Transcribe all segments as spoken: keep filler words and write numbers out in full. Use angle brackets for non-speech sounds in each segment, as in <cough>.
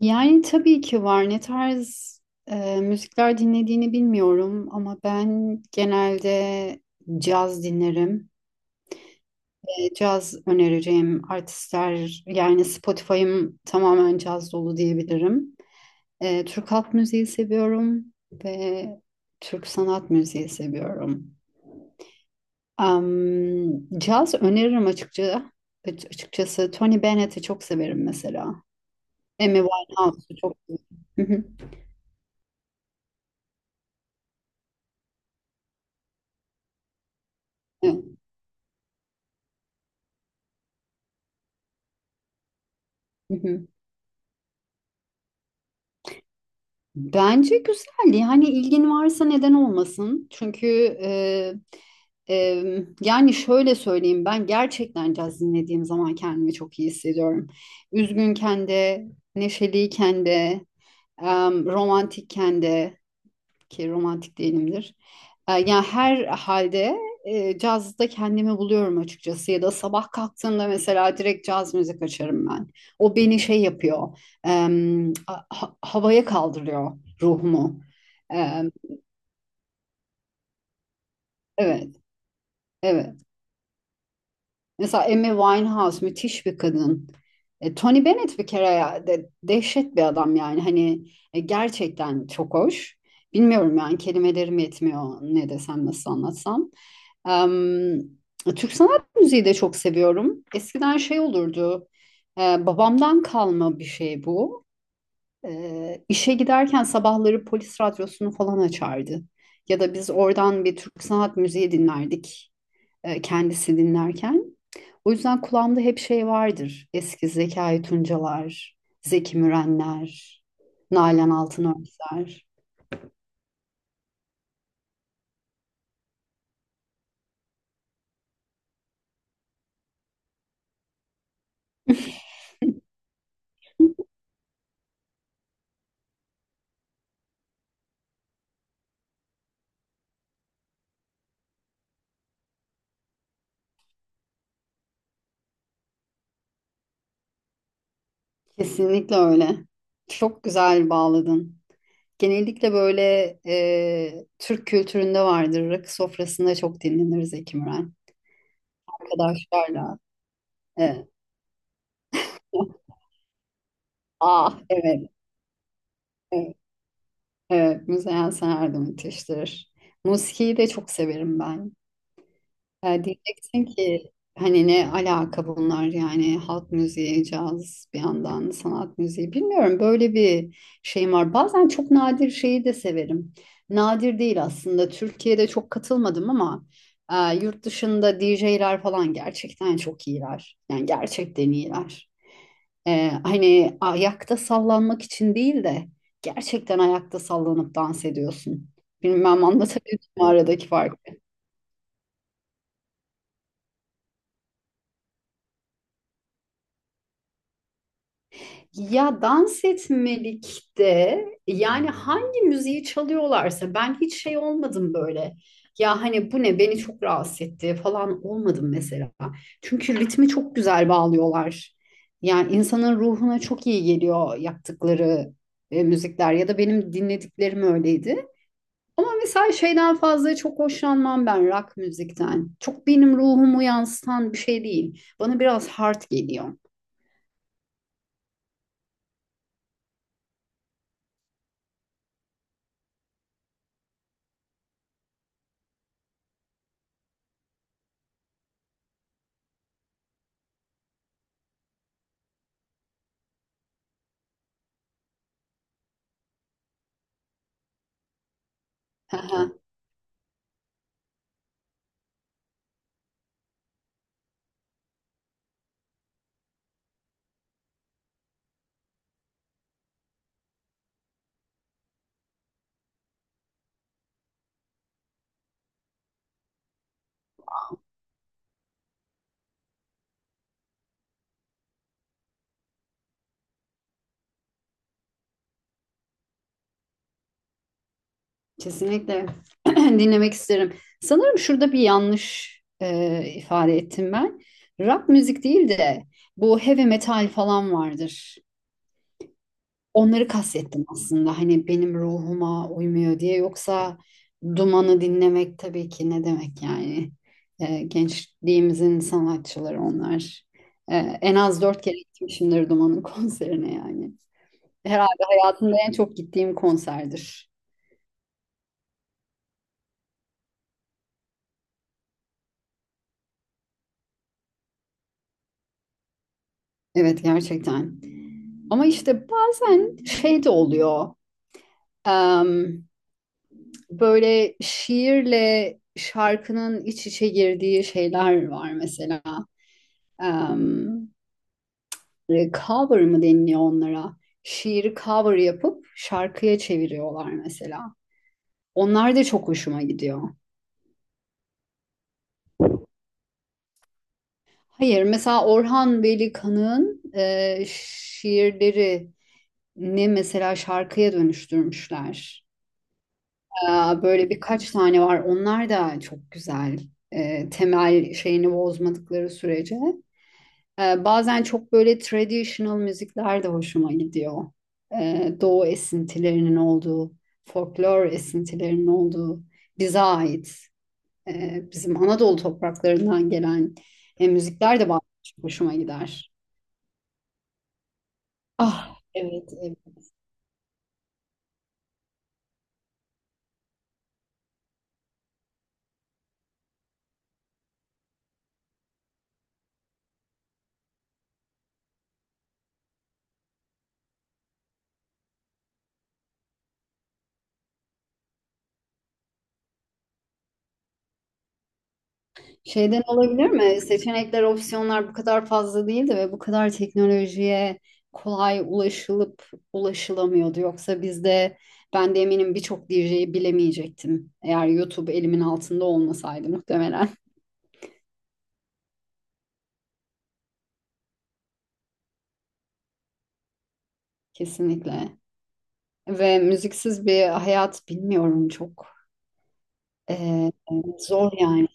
Yani tabii ki var. Ne tarz e, müzikler dinlediğini bilmiyorum ama ben genelde caz dinlerim. E, caz önereceğim artistler yani Spotify'ım tamamen caz dolu diyebilirim. E, Türk halk müziği seviyorum ve Türk sanat müziği seviyorum. Am, Caz öneririm açıkçası. Açıkçası Tony Bennett'i çok severim mesela. Amy Winehouse'u çok severim. <laughs> Evet. <laughs> Bence güzel. Yani ilgin varsa neden olmasın? Çünkü e, e, yani şöyle söyleyeyim, ben gerçekten caz dinlediğim zaman kendimi çok iyi hissediyorum. Üzgünken de, neşeliyken de, em, romantikken de, ki romantik değilimdir. E, yani her halde e, cazda kendimi buluyorum açıkçası, ya da sabah kalktığımda mesela direkt caz müzik açarım ben. O beni şey yapıyor, em, a- ha- havaya kaldırıyor ruhumu. Em, evet, evet. Mesela Amy Winehouse müthiş bir kadın. E, Tony Bennett bir kere ya, de, dehşet bir adam yani, hani e, gerçekten çok hoş. Bilmiyorum yani, kelimelerim yetmiyor ne desem nasıl anlatsam. Em, Türk sanat müziği de çok seviyorum. Eskiden şey olurdu. E, babamdan kalma bir şey bu. E, işe giderken sabahları polis radyosunu falan açardı. Ya da biz oradan bir Türk sanat müziği dinlerdik, e, kendisi dinlerken. O yüzden kulağımda hep şey vardır. Eski Zekai Tuncalar, Zeki Mürenler, Nalan Altınörtüler. Kesinlikle öyle. Çok güzel bağladın. Genellikle böyle e, Türk kültüründe vardır. Rakı sofrasında çok dinlenir Zeki Müren. Arkadaşlarla. Evet. <laughs> Ah evet. Evet. Evet. Müzeyyen Senar da müthiştir. Musikiyi de çok severim ben. Ya diyeceksin ki hani ne alaka bunlar, yani halk müziği, caz, bir yandan sanat müziği, bilmiyorum, böyle bir şeyim var. Bazen çok nadir şeyi de severim. Nadir değil aslında, Türkiye'de çok katılmadım ama e, yurt dışında D J'ler falan gerçekten çok iyiler. Yani gerçekten iyiler. E, hani ayakta sallanmak için değil de gerçekten ayakta sallanıp dans ediyorsun. Bilmem anlatabildim mi aradaki farkı. Ya, dans etmelikte yani. Hmm. Hangi müziği çalıyorlarsa ben hiç şey olmadım böyle. Ya hani bu ne, beni çok rahatsız etti falan olmadım mesela. Çünkü ritmi çok güzel bağlıyorlar. Yani insanın ruhuna çok iyi geliyor yaptıkları e, müzikler, ya da benim dinlediklerim öyleydi. Ama mesela şeyden fazla çok hoşlanmam ben, rock müzikten. Çok benim ruhumu yansıtan bir şey değil. Bana biraz hard geliyor. Aha. Kesinlikle <clears throat> dinlemek isterim. Sanırım şurada bir yanlış e, ifade ettim ben. Rock müzik değil de bu heavy metal falan vardır. Onları kastettim aslında. Hani benim ruhuma uymuyor diye. Yoksa Duman'ı dinlemek, tabii ki, ne demek yani. Ee, gençliğimizin sanatçıları onlar. Ee, en az dört kere gitmişimdir Duman'ın <laughs> konserine yani. Herhalde hayatımda en çok gittiğim konserdir. Evet, gerçekten. Ama işte bazen şey de oluyor. Em, Böyle şiirle şarkının iç içe girdiği şeyler var mesela. E, cover mı deniliyor onlara? Şiiri cover yapıp şarkıya çeviriyorlar mesela. Onlar da çok hoşuma gidiyor. Hayır, mesela Orhan Veli-Kanık'ın e, şiirleri ne mesela, şarkıya dönüştürmüşler. Ee, Böyle birkaç tane var. Onlar da çok güzel. Ee, Temel şeyini bozmadıkları sürece. Ee, bazen çok böyle traditional müzikler de hoşuma gidiyor. Ee, Doğu esintilerinin olduğu, folklor esintilerinin olduğu, bize ait, e, bizim Anadolu topraklarından gelen e, müzikler de bazen çok hoşuma gider. Ah, evet, evet. Şeyden olabilir mi? Seçenekler, opsiyonlar bu kadar fazla değildi ve bu kadar teknolojiye kolay ulaşılıp ulaşılamıyordu. Yoksa bizde, ben de eminim birçok D J'yi bilemeyecektim. Eğer YouTube elimin altında olmasaydı muhtemelen. <laughs> Kesinlikle. Ve müziksiz bir hayat bilmiyorum çok. Ee, Zor yani.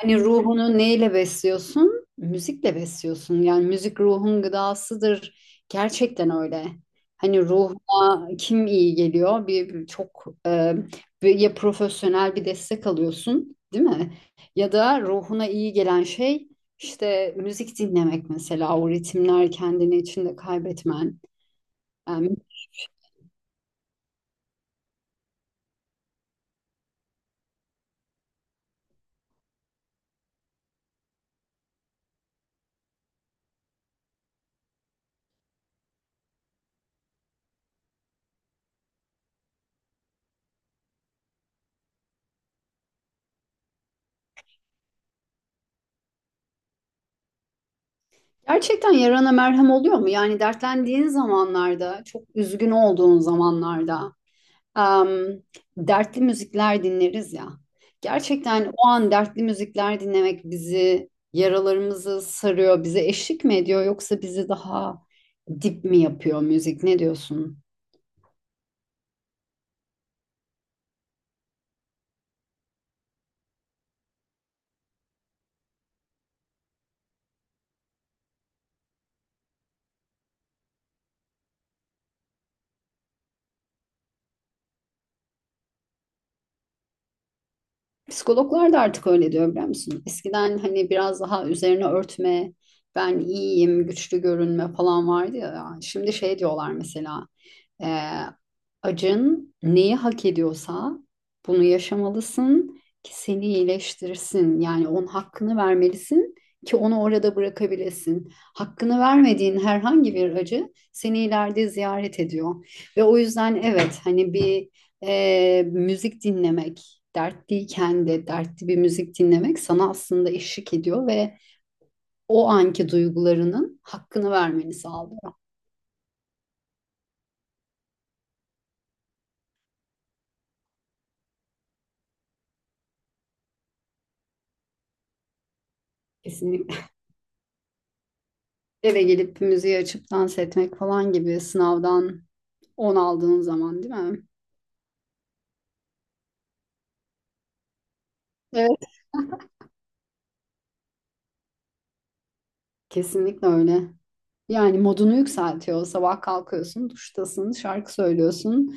Hani ruhunu neyle besliyorsun? Müzikle besliyorsun. Yani müzik ruhun gıdasıdır. Gerçekten öyle. Hani ruhuna kim iyi geliyor? Bir bir- çok e, bir- ya profesyonel bir destek alıyorsun, değil mi? Ya da ruhuna iyi gelen şey işte müzik dinlemek mesela, o ritimler, kendini içinde kaybetmen. Yani. Gerçekten yarana merhem oluyor mu? Yani dertlendiğin zamanlarda, çok üzgün olduğun zamanlarda, em, dertli müzikler dinleriz ya. Gerçekten o an dertli müzikler dinlemek bizi, yaralarımızı sarıyor, bize eşlik mi ediyor, yoksa bizi daha dip mi yapıyor müzik? Ne diyorsun? Psikologlar da artık öyle diyor, biliyor musun? Eskiden hani biraz daha üzerine örtme, ben iyiyim, güçlü görünme falan vardı ya. Şimdi şey diyorlar mesela. Ee, Acın neyi hak ediyorsa bunu yaşamalısın ki seni iyileştirsin. Yani onun hakkını vermelisin ki onu orada bırakabilesin. Hakkını vermediğin herhangi bir acı seni ileride ziyaret ediyor. Ve o yüzden evet, hani bir e, müzik dinlemek, dertliyken de dertli bir müzik dinlemek sana aslında eşlik ediyor ve o anki duygularının hakkını vermeni sağlıyor. Kesinlikle. Eve gelip müziği açıp dans etmek falan gibi, sınavdan on aldığın zaman, değil mi? Evet. Kesinlikle öyle. Yani modunu yükseltiyor. Sabah kalkıyorsun, duştasın, şarkı söylüyorsun.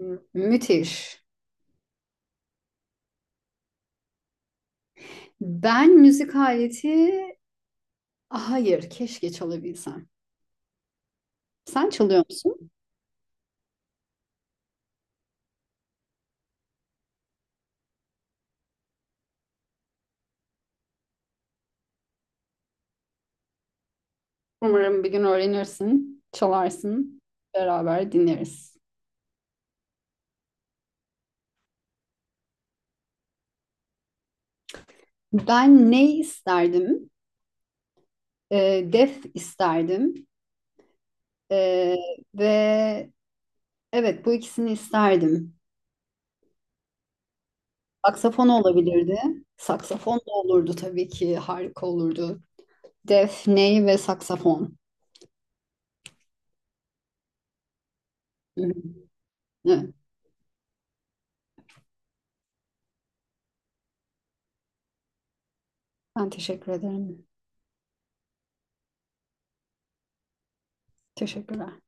Mü- Müthiş. Ben müzik aleti, hayır, keşke çalabilsem. Sen çalıyor musun? Umarım bir gün öğrenirsin, çalarsın, beraber dinleriz. Ben ne isterdim? Ee, def isterdim. Ee, ve Evet, bu ikisini isterdim. Saksafon olabilirdi. Saksafon da olurdu tabii ki. Harika olurdu. Defneyi ve saksafon. Hı hı. Evet, ben teşekkür ederim. Teşekkürler.